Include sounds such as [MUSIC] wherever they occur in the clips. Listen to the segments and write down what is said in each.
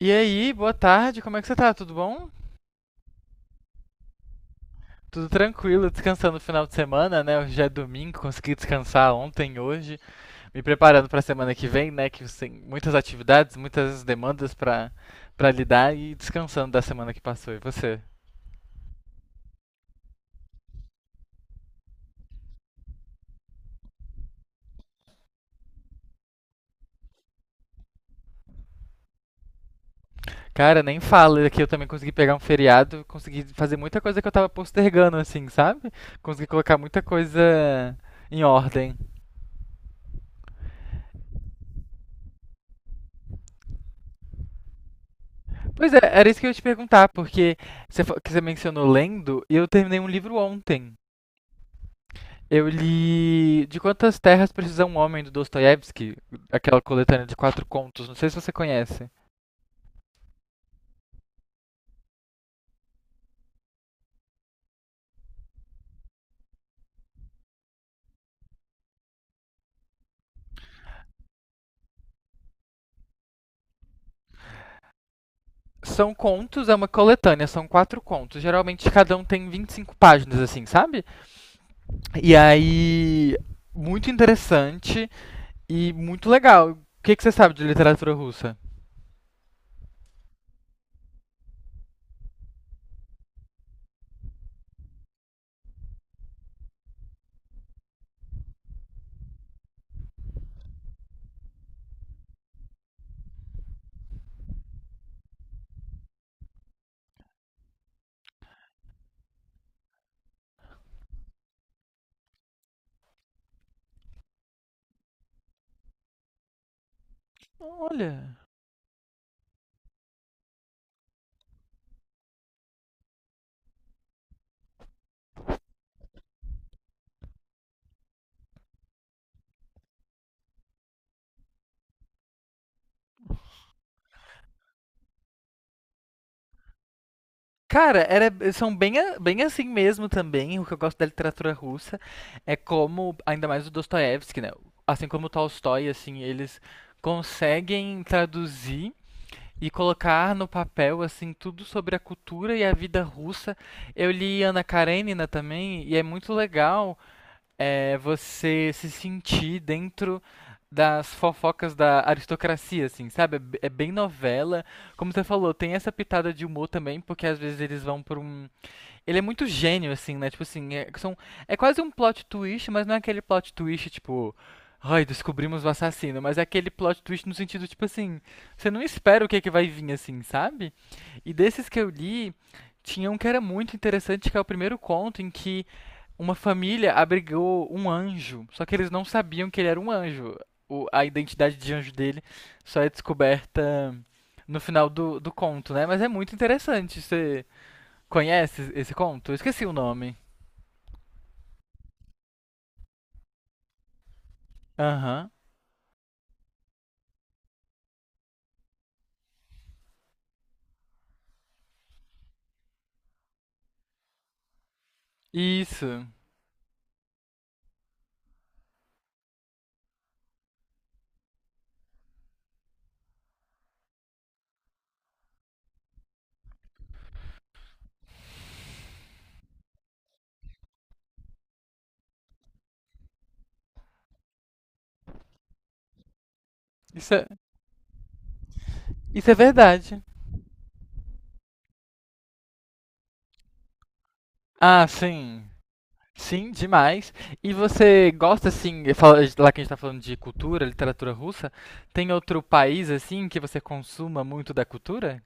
E aí, boa tarde, como é que você tá? Tudo bom? Tudo tranquilo, descansando no final de semana, né? Hoje já é domingo, consegui descansar ontem, hoje, me preparando pra semana que vem, né? Que tem muitas atividades, muitas demandas pra lidar e descansando da semana que passou. E você? Cara, nem fala é que eu também consegui pegar um feriado, consegui fazer muita coisa que eu tava postergando, assim, sabe? Consegui colocar muita coisa em ordem. Pois é, era isso que eu ia te perguntar, porque você, que você mencionou lendo, e eu terminei um livro ontem. Eu li De Quantas Terras Precisa um Homem, do Dostoiévski, aquela coletânea de 4 contos, não sei se você conhece. São contos, é uma coletânea, são 4 contos. Geralmente cada um tem 25 páginas, assim, sabe? E aí, muito interessante e muito legal. Que você sabe de literatura russa? Olha, cara, são bem, bem assim mesmo também. O que eu gosto da literatura russa é como, ainda mais o Dostoiévski, né? Assim como o Tolstói, assim, eles conseguem traduzir e colocar no papel, assim, tudo sobre a cultura e a vida russa. Eu li Ana Karenina também, e é muito legal é você se sentir dentro das fofocas da aristocracia, assim, sabe? É bem novela. Como você falou, tem essa pitada de humor também, porque às vezes eles vão pra um, ele é muito gênio, assim, né? Tipo assim, é quase um plot twist, mas não é aquele plot twist, tipo. Ai, descobrimos o assassino, mas é aquele plot twist no sentido, tipo assim, você não espera o que é que vai vir, assim, sabe? E desses que eu li, tinha um que era muito interessante, que é o primeiro conto em que uma família abrigou um anjo, só que eles não sabiam que ele era um anjo. A identidade de anjo dele só é descoberta no final do conto, né? Mas é muito interessante você. Conhece esse conto? Eu esqueci o nome. Aham. Isso. Isso é, isso é verdade. Ah, sim. Sim, demais. E você gosta, assim, lá que a gente tá falando de cultura, literatura russa, tem outro país, assim, que você consuma muito da cultura?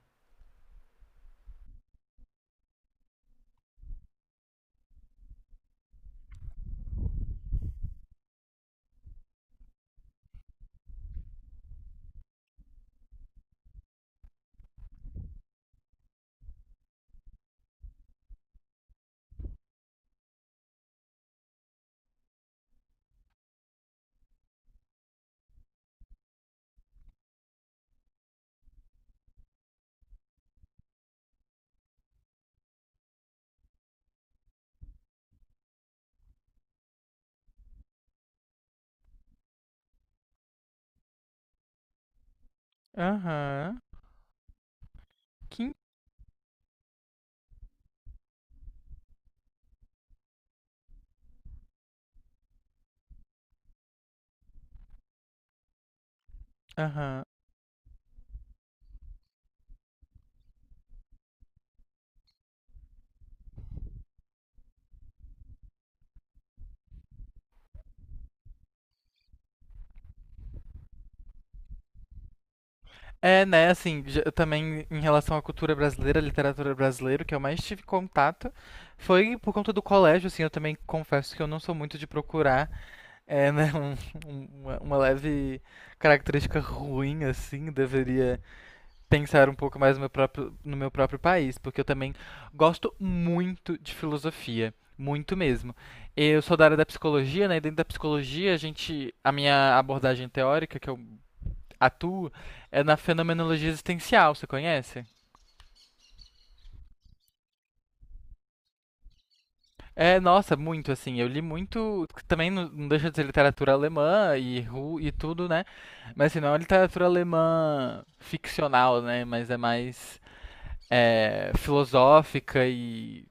Aham. Que aham. É, né, assim, eu também em relação à cultura brasileira, literatura brasileira, o que eu mais tive contato foi por conta do colégio, assim, eu também confesso que eu não sou muito de procurar. É, né? Uma leve característica ruim, assim, deveria pensar um pouco mais no meu próprio, no meu próprio país, porque eu também gosto muito de filosofia. Muito mesmo. Eu sou da área da psicologia, né? E dentro da psicologia, a gente, a minha abordagem teórica que eu atuo é na fenomenologia existencial, você conhece? É, nossa, muito assim. Eu li muito. Também não deixa de ser literatura alemã e, e tudo, né? Mas assim, não é uma literatura alemã ficcional, né? Mas é mais é, filosófica e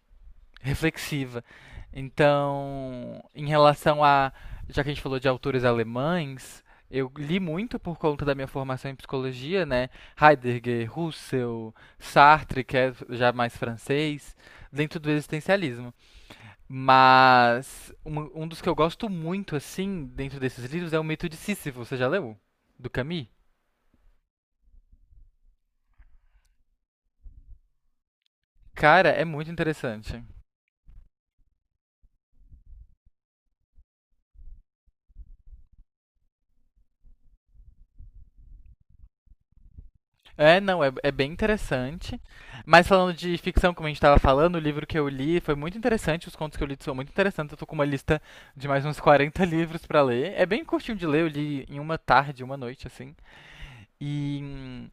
reflexiva. Então, em relação a. Já que a gente falou de autores alemães, eu li muito por conta da minha formação em psicologia, né? Heidegger, Husserl, Sartre, que é já mais francês, dentro do existencialismo. Mas um dos que eu gosto muito, assim, dentro desses livros é o Mito de Sísifo. Você já leu? Do Camus? Cara, é muito interessante. É, não, é, é bem interessante. Mas falando de ficção, como a gente tava falando, o livro que eu li foi muito interessante. Os contos que eu li são muito interessantes. Eu tô com uma lista de mais uns 40 [LAUGHS] livros pra ler. É bem curtinho de ler, eu li em uma tarde, uma noite, assim. E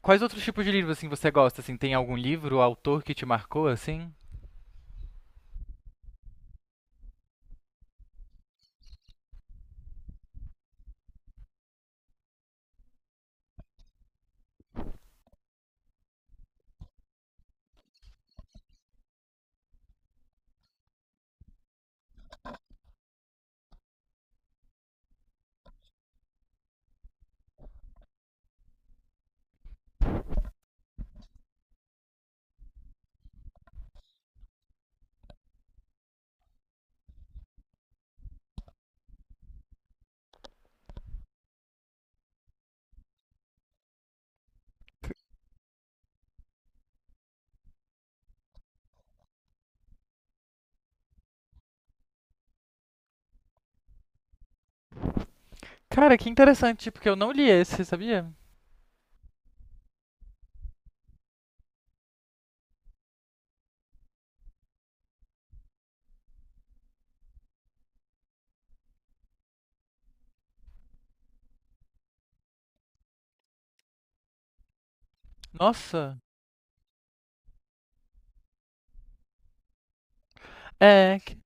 quais outros tipos de livros, assim, você gosta? Assim, tem algum livro, autor que te marcou, assim? Cara, que interessante, porque eu não li esse, sabia? Nossa! É, que-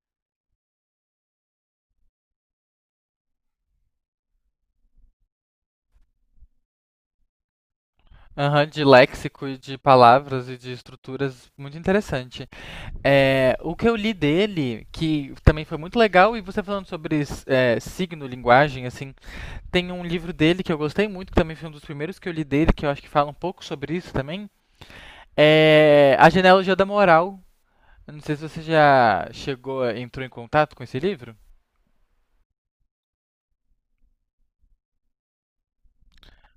aham, de léxico e de palavras e de estruturas, muito interessante. É, o que eu li dele, que também foi muito legal, e você falando sobre é, signo, linguagem, assim, tem um livro dele que eu gostei muito, que também foi um dos primeiros que eu li dele, que eu acho que fala um pouco sobre isso também, é A Genealogia da Moral. Eu não sei se você já chegou, entrou em contato com esse livro.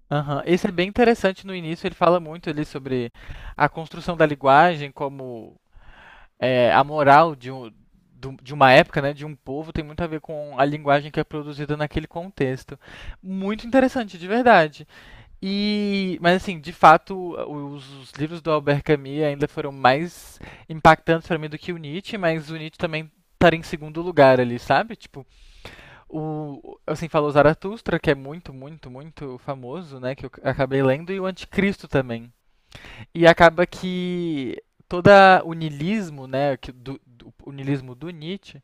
Aham, esse é bem interessante no início, ele fala muito ali sobre a construção da linguagem como é, a moral de uma época, né, de um povo, tem muito a ver com a linguagem que é produzida naquele contexto. Muito interessante, de verdade. E, mas assim, de fato, os livros do Albert Camus ainda foram mais impactantes para mim do que o Nietzsche, mas o Nietzsche também estaria em segundo lugar ali, sabe? Tipo, o assim falou Zaratustra, que é muito famoso, né, que eu acabei lendo, e o Anticristo também. E acaba que todo o niilismo, né, o niilismo do Nietzsche,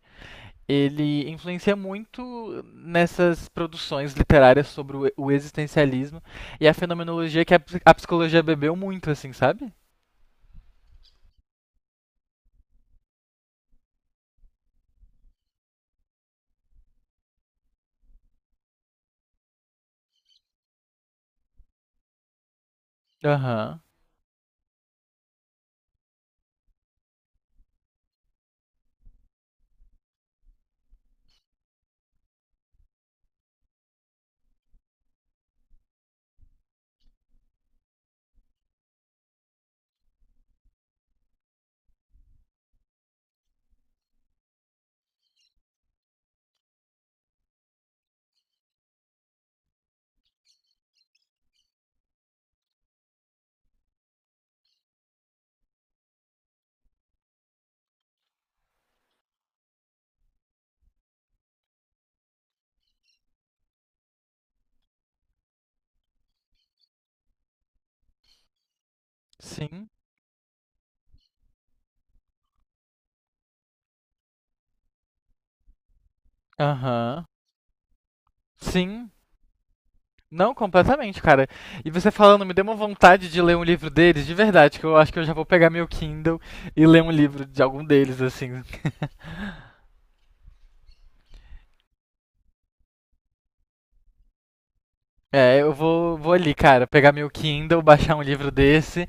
ele influencia muito nessas produções literárias sobre o existencialismo e a fenomenologia que a, a psicologia bebeu muito, assim, sabe? Aham. Sim. Aham. Sim. Não, completamente, cara. E você falando, me deu uma vontade de ler um livro deles, de verdade, que eu acho que eu já vou pegar meu Kindle e ler um livro de algum deles, assim. É, eu vou ali, cara, pegar meu Kindle, baixar um livro desse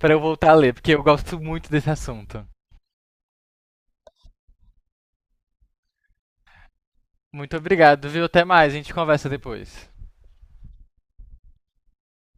pra eu voltar a ler, porque eu gosto muito desse assunto. Muito obrigado, viu? Até mais, a gente conversa depois.